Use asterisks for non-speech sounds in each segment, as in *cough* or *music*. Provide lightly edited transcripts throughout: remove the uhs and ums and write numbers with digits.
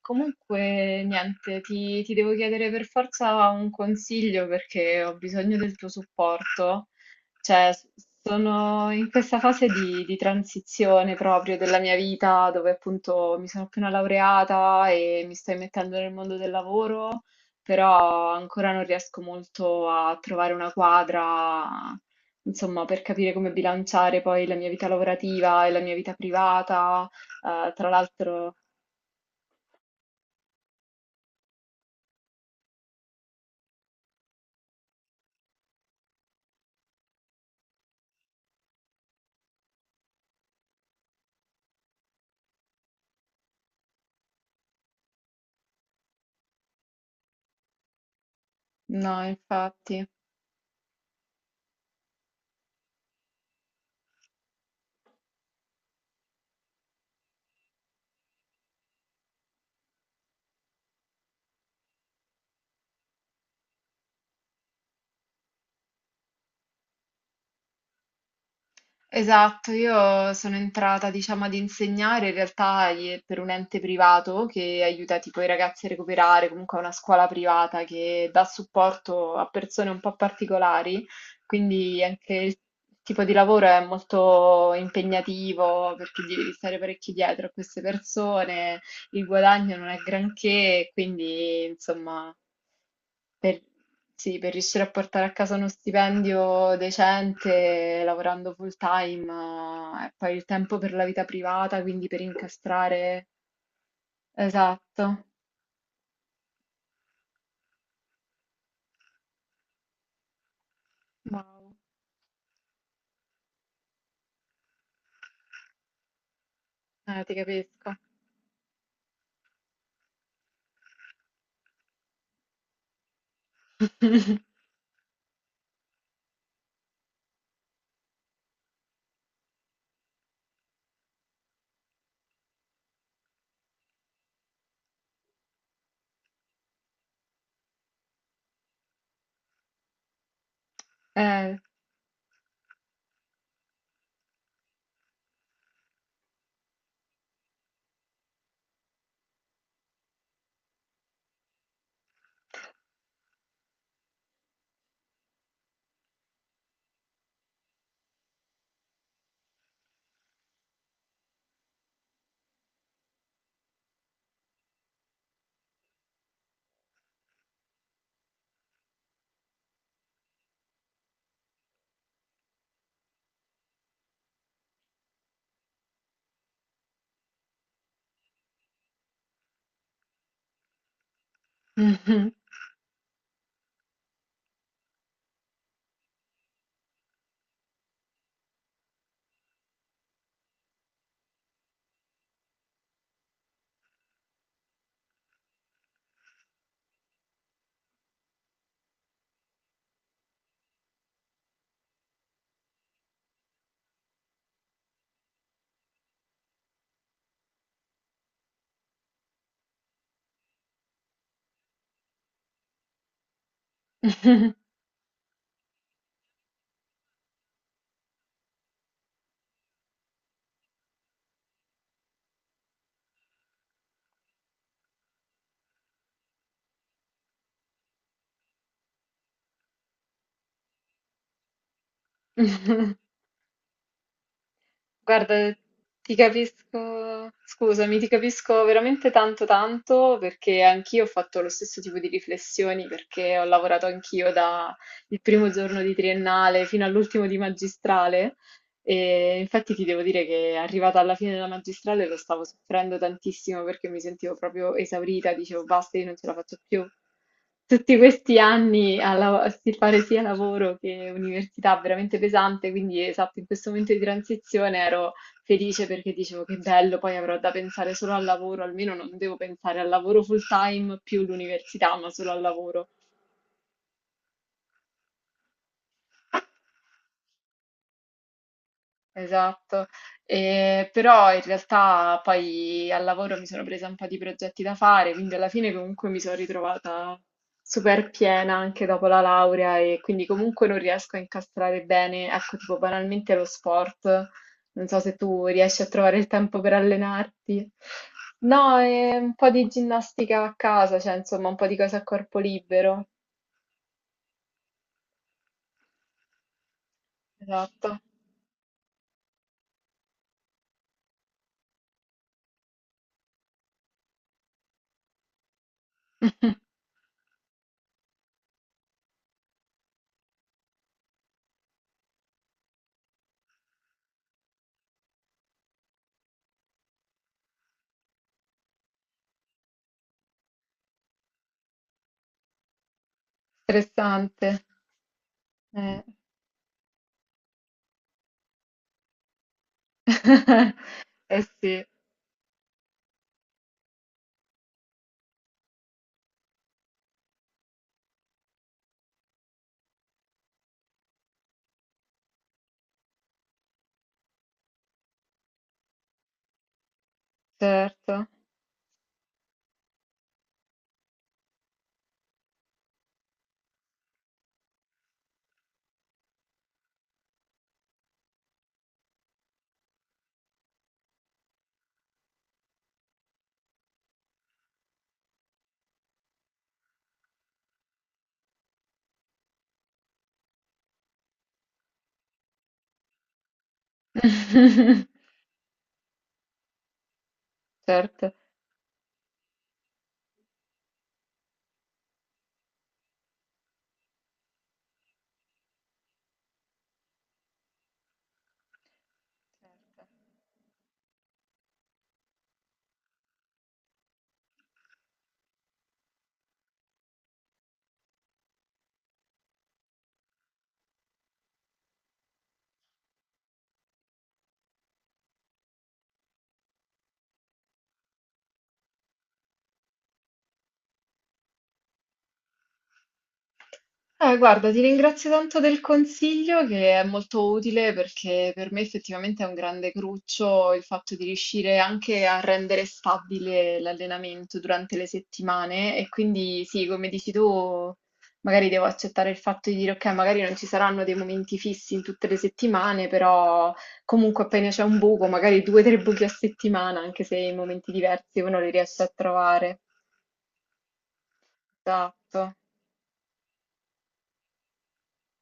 Comunque, niente, ti devo chiedere per forza un consiglio perché ho bisogno del tuo supporto. Cioè, sono in questa fase di transizione proprio della mia vita, dove appunto mi sono appena laureata e mi sto immettendo nel mondo del lavoro, però ancora non riesco molto a trovare una quadra, insomma, per capire come bilanciare poi la mia vita lavorativa e la mia vita privata. Tra l'altro. No, infatti. Esatto, io sono entrata, diciamo, ad insegnare in realtà per un ente privato che aiuta tipo i ragazzi a recuperare, comunque è una scuola privata che dà supporto a persone un po' particolari, quindi anche il tipo di lavoro è molto impegnativo perché gli devi stare parecchio dietro a queste persone, il guadagno non è granché, quindi insomma. Per, sì, per riuscire a portare a casa uno stipendio decente, lavorando full time, e poi il tempo per la vita privata, quindi per incastrare. Esatto. Wow, ti capisco. *laughs* Eh. *laughs* Guarda, ti capisco, scusami, ti capisco veramente tanto tanto perché anch'io ho fatto lo stesso tipo di riflessioni perché ho lavorato anch'io dal primo giorno di triennale fino all'ultimo di magistrale e infatti ti devo dire che arrivata alla fine della magistrale lo stavo soffrendo tantissimo perché mi sentivo proprio esaurita, dicevo basta, io non ce la faccio più. Tutti questi anni a fare sia lavoro che università veramente pesante, quindi esatto, in questo momento di transizione ero felice perché dicevo che bello, poi avrò da pensare solo al lavoro, almeno non devo pensare al lavoro full time più l'università, ma solo al lavoro. Esatto. Però in realtà poi al lavoro mi sono presa un po' di progetti da fare, quindi alla fine comunque mi sono ritrovata super piena anche dopo la laurea e quindi comunque non riesco a incastrare bene, ecco, tipo banalmente lo sport, non so se tu riesci a trovare il tempo per allenarti. No, e un po' di ginnastica a casa, cioè insomma un po' di cose a corpo libero. Esatto, *laughs* interessante. Eh. *laughs* Eh sì. Certo, *laughs* certo. Guarda, ti ringrazio tanto del consiglio che è molto utile perché per me effettivamente è un grande cruccio il fatto di riuscire anche a rendere stabile l'allenamento durante le settimane e quindi sì, come dici tu, magari devo accettare il fatto di dire ok, magari non ci saranno dei momenti fissi in tutte le settimane, però comunque appena c'è un buco, magari due o tre buchi a settimana, anche se in momenti diversi uno li riesce a trovare. Esatto.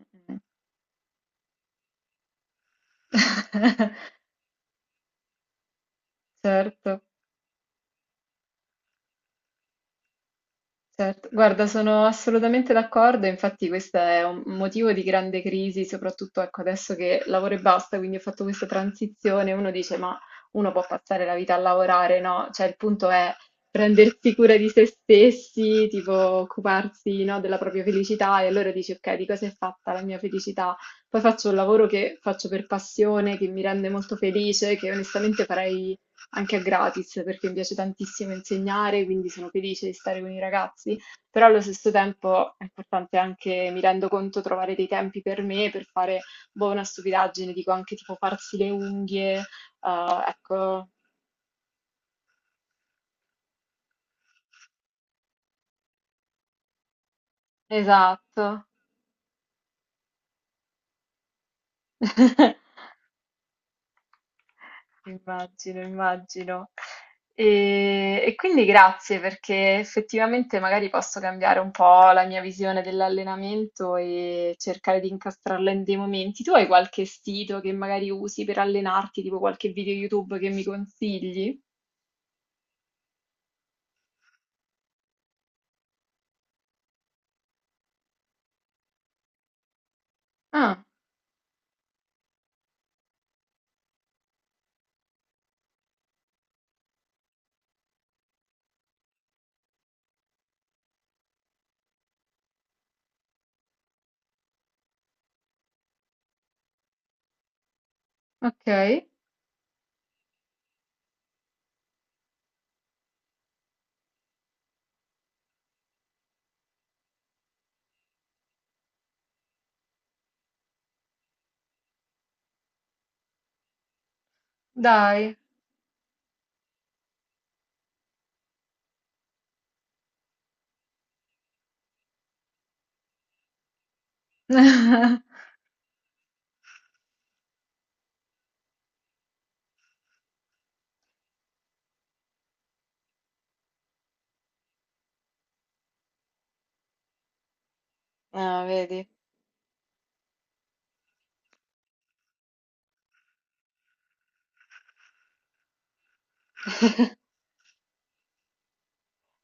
Mh-mh. *laughs* Certo, certo. Guarda, sono assolutamente d'accordo, infatti questo è un motivo di grande crisi, soprattutto ecco, adesso che lavoro e basta, quindi ho fatto questa transizione, uno dice, ma uno può passare la vita a lavorare, no? Cioè il punto è prendersi cura di se stessi, tipo occuparsi, no, della propria felicità e allora dici, ok, di cosa è fatta la mia felicità? Poi faccio un lavoro che faccio per passione, che mi rende molto felice, che onestamente farei anche a gratis, perché mi piace tantissimo insegnare, quindi sono felice di stare con i ragazzi, però allo stesso tempo è importante anche, mi rendo conto, trovare dei tempi per me, per fare boh, una stupidaggine, dico anche tipo farsi le unghie, ecco, esatto. *laughs* Immagino, immagino. E quindi grazie perché effettivamente magari posso cambiare un po' la mia visione dell'allenamento e cercare di incastrarla in dei momenti. Tu hai qualche sito che magari usi per allenarti, tipo qualche video YouTube che mi consigli? Ah, ok, dai. *laughs* Ah, vedi.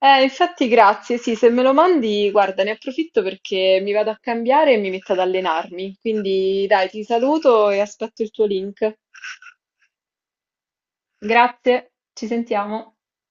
Infatti grazie, sì, se me lo mandi, guarda, ne approfitto perché mi vado a cambiare e mi metto ad allenarmi. Quindi dai, ti saluto e aspetto il tuo link. Grazie, ci sentiamo.